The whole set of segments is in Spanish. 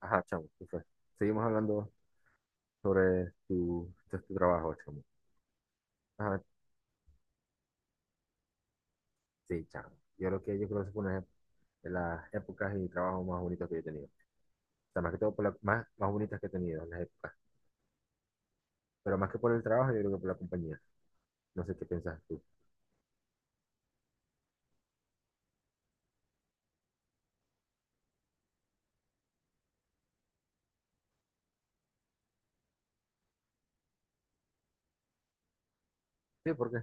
Ajá, chamo. Entonces, seguimos hablando sobre tu trabajo, chamo. Ajá, sí, chamo. Yo creo que fue una de las épocas y trabajos más bonitos que yo he tenido. O sea, más que todo por las más bonitas que he tenido en las épocas. Pero más que por el trabajo, yo creo que por la compañía. No sé qué piensas tú. Sí, ¿por qué?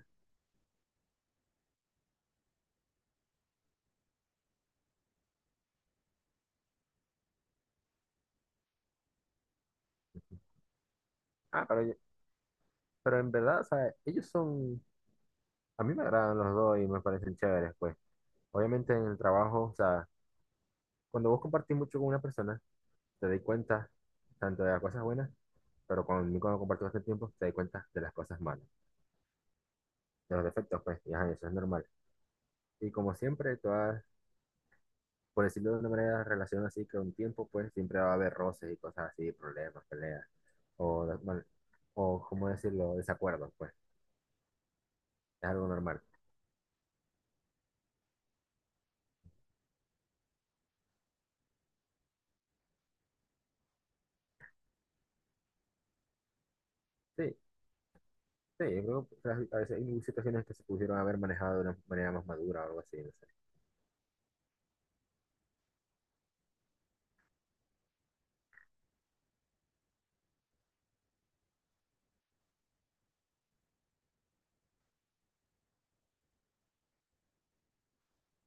ah, pero, yo- pero en verdad, o sea, ellos son, a mí me agradan los dos y me parecen chéveres, pues. Obviamente en el trabajo, o sea, cuando vos compartís mucho con una persona, te das cuenta tanto de las cosas buenas, pero conmigo cuando compartís bastante tiempo, te das cuenta de las cosas malas, de los defectos, pues, y ajá, eso es normal. Y como siempre, todas, por decirlo de una manera, relación así que un tiempo, pues, siempre va a haber roces y cosas así, problemas, peleas, o, de- bueno, o ¿cómo decirlo? Desacuerdos, pues, es algo normal. Sí, sí, yo creo que a veces hay situaciones que se pudieron haber manejado de una manera más madura o algo así, no sé.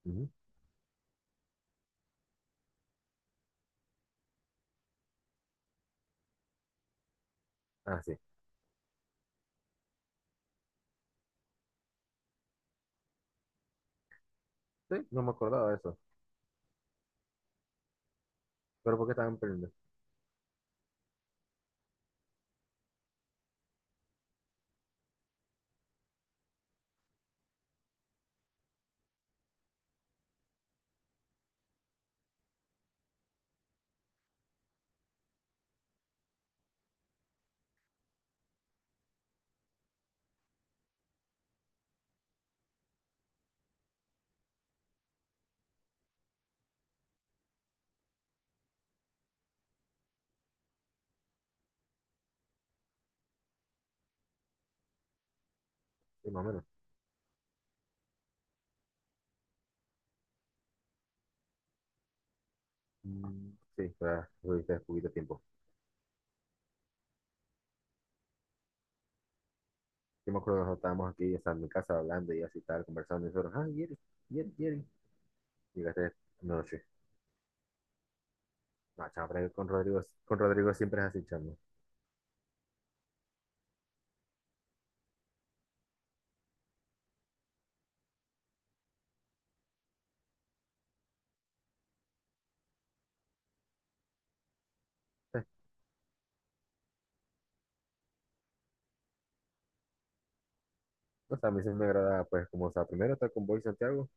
Ujú. Ah, sí, sí, no me acordaba de eso, pero ¿por qué estaban peleando? Sí, más o menos. Mm, sí, para tuviste poquito tiempo. Yo me acuerdo que estábamos aquí, o sea, en mi casa hablando y así, tal, conversando, y nosotros, ah, Yeri, Yeri. Llegaste noche. No, chamo, con Rodrigo siempre es así, chamo. Sí. O sea, a mí sí me agrada, pues, como, o sea, primero estar con Boy y Santiago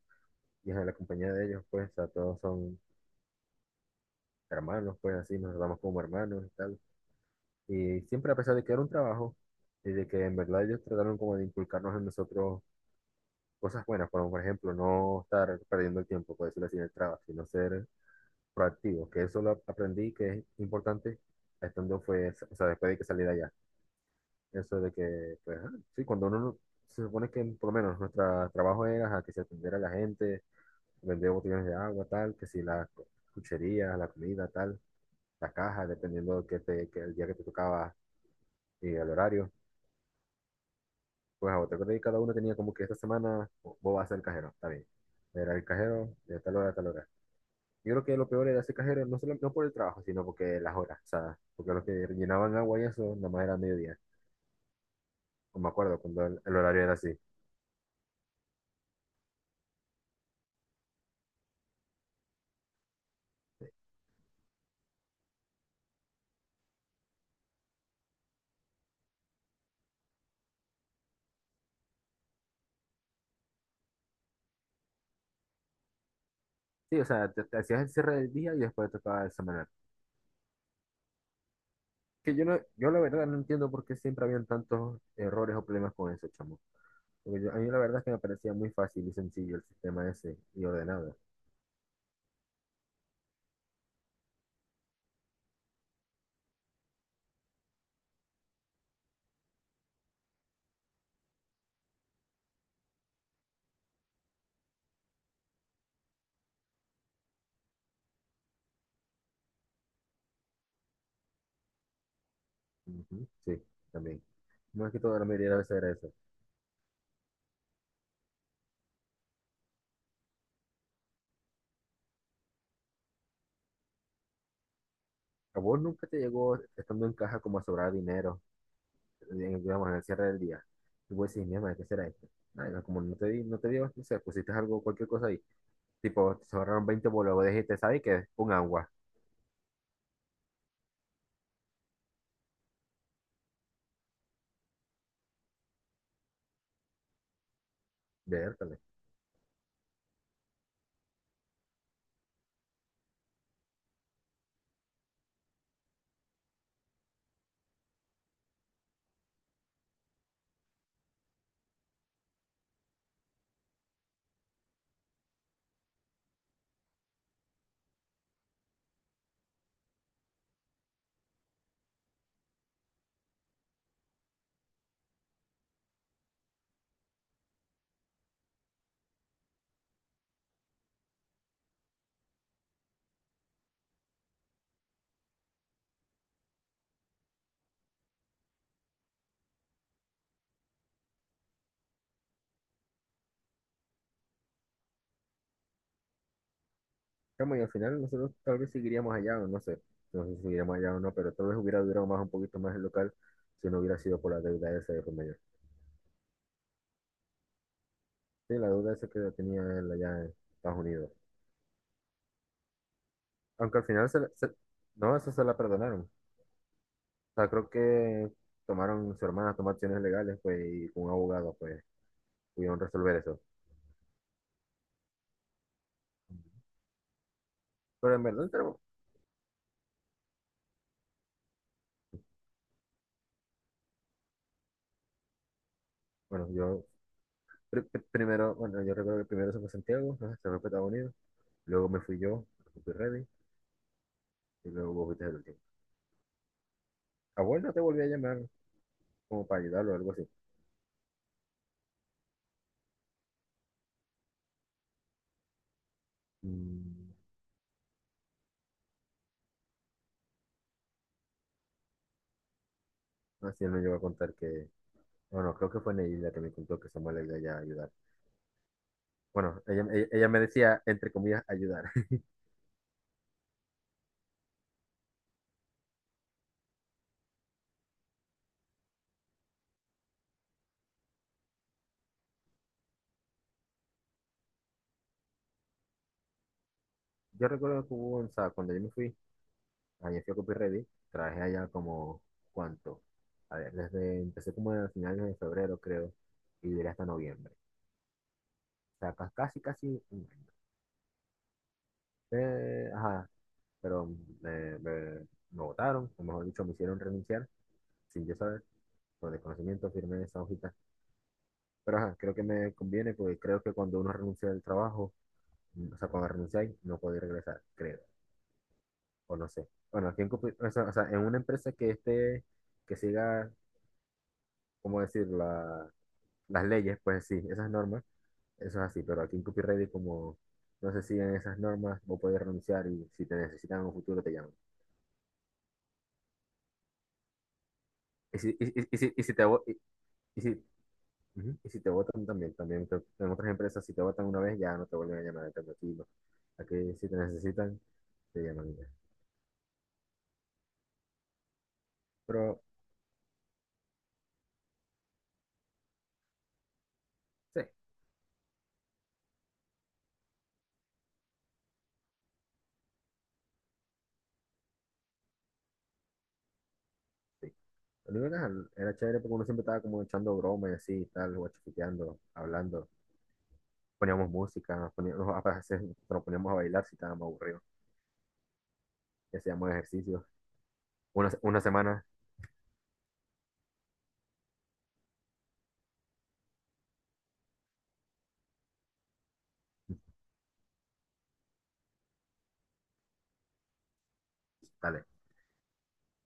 y en la compañía de ellos, pues, o sea, todos son hermanos, pues, así, nos tratamos como hermanos y tal. Y siempre, a pesar de que era un trabajo y de que en verdad ellos trataron como de inculcarnos en nosotros cosas buenas, como, por ejemplo, no estar perdiendo el tiempo, por decirlo así, en el trabajo, sino ser proactivo, que eso lo aprendí que es importante estando, fue, o sea, después de que salí de allá. Eso de que, pues, ah, sí, cuando uno no- se supone que por lo menos nuestro trabajo era a que se atendiera a la gente, vender botellones de agua, tal, que si las cucherías, la comida, tal, las cajas dependiendo que te, que el día que te tocaba y el horario. Pues a otra cosa, y cada uno tenía como que esta semana vos vas a ser el cajero, está bien. Era el cajero de tal hora a tal hora. Yo creo que lo peor era ser cajero, no solo no por el trabajo, sino porque las horas, o sea, porque los que llenaban agua y eso, nada más era mediodía. No me acuerdo cuando el horario era así. Sí, o sea, te hacías el cierre del día y después te tocaba examinar. Que yo, no, yo la verdad no entiendo por qué siempre habían tantos errores o problemas con eso, chamo. A mí la verdad es que me parecía muy fácil y sencillo el sistema ese y ordenado. Ujú, sí, también. Más que todo, la mayoría de las veces era eso. ¿A vos nunca te llegó, estando en caja, como a sobrar dinero, digamos, en el cierre del día? Y vos decís, mierda, ¿qué será esto? Nada, como no te dio, no sé, pusiste algo, cualquier cosa ahí. Tipo, te sobraron 20 bolos, vos dijiste, ¿sabes qué? Un agua. Vértale. Chamo, y al final nosotros tal vez seguiríamos allá, o no sé, no sé si seguiríamos allá o no, pero tal vez hubiera durado más un poquito más el local si no hubiera sido por la deuda esa de por medio. Sí, la deuda esa que tenía él allá en Estados Unidos. Aunque al final no, eso se la perdonaron. O sea, creo que tomaron, su hermana tomó acciones legales, pues, y con un abogado, pues, pudieron resolver eso. Pero en verdad, pero, bueno, yo primero, bueno, yo recuerdo que primero se fue Santiago, ¿no? Se fue a Estados Unidos, luego me fui yo, fui Reddy, y luego vos fuiste el último. Abuelo, te volví a llamar, como para ayudarlo o algo así. Mm, así él me llegó a contar que, bueno, creo que fue Neila que me contó que Samuel le iba a ayudar. Bueno, ella me decía, entre comillas, ayudar. Yo recuerdo que hubo, o sea, cuando yo me fui, allá fui a Copy Ready, traje allá como, ¿cuánto? A ver, desde, empecé como a finales de febrero, creo, y duré hasta noviembre. O sea, casi, casi un año. Ajá, pero me, me, me votaron, o mejor dicho, me hicieron renunciar, sin yo saber, por desconocimiento firmé esa hojita. Pero ajá, creo que me conviene porque creo que cuando uno renuncia del trabajo, mm, o sea, cuando renunciáis, no podéis regresar, creo, o no sé. Bueno, aquí en, o sea, en una empresa que esté, que siga, ¿cómo decir? La, las leyes, pues sí, esas normas, eso es así, pero aquí en copyright es como no se siguen esas normas, vos podés renunciar y si te necesitan en un futuro te llaman. Y si te, vo- y si, ujú, y si te votan también, en otras empresas, si te votan una vez, ya no te vuelven a llamar, te tranquilo. Aquí si te necesitan, te llaman. Pero sí. Sí, lo único que era era chévere porque uno siempre estaba como echando bromas y así, y tal, guachiquiteando, hablando. Poníamos, a veces nos poníamos a bailar si estábamos aburridos. Y hacíamos ejercicio. Una semana, dale.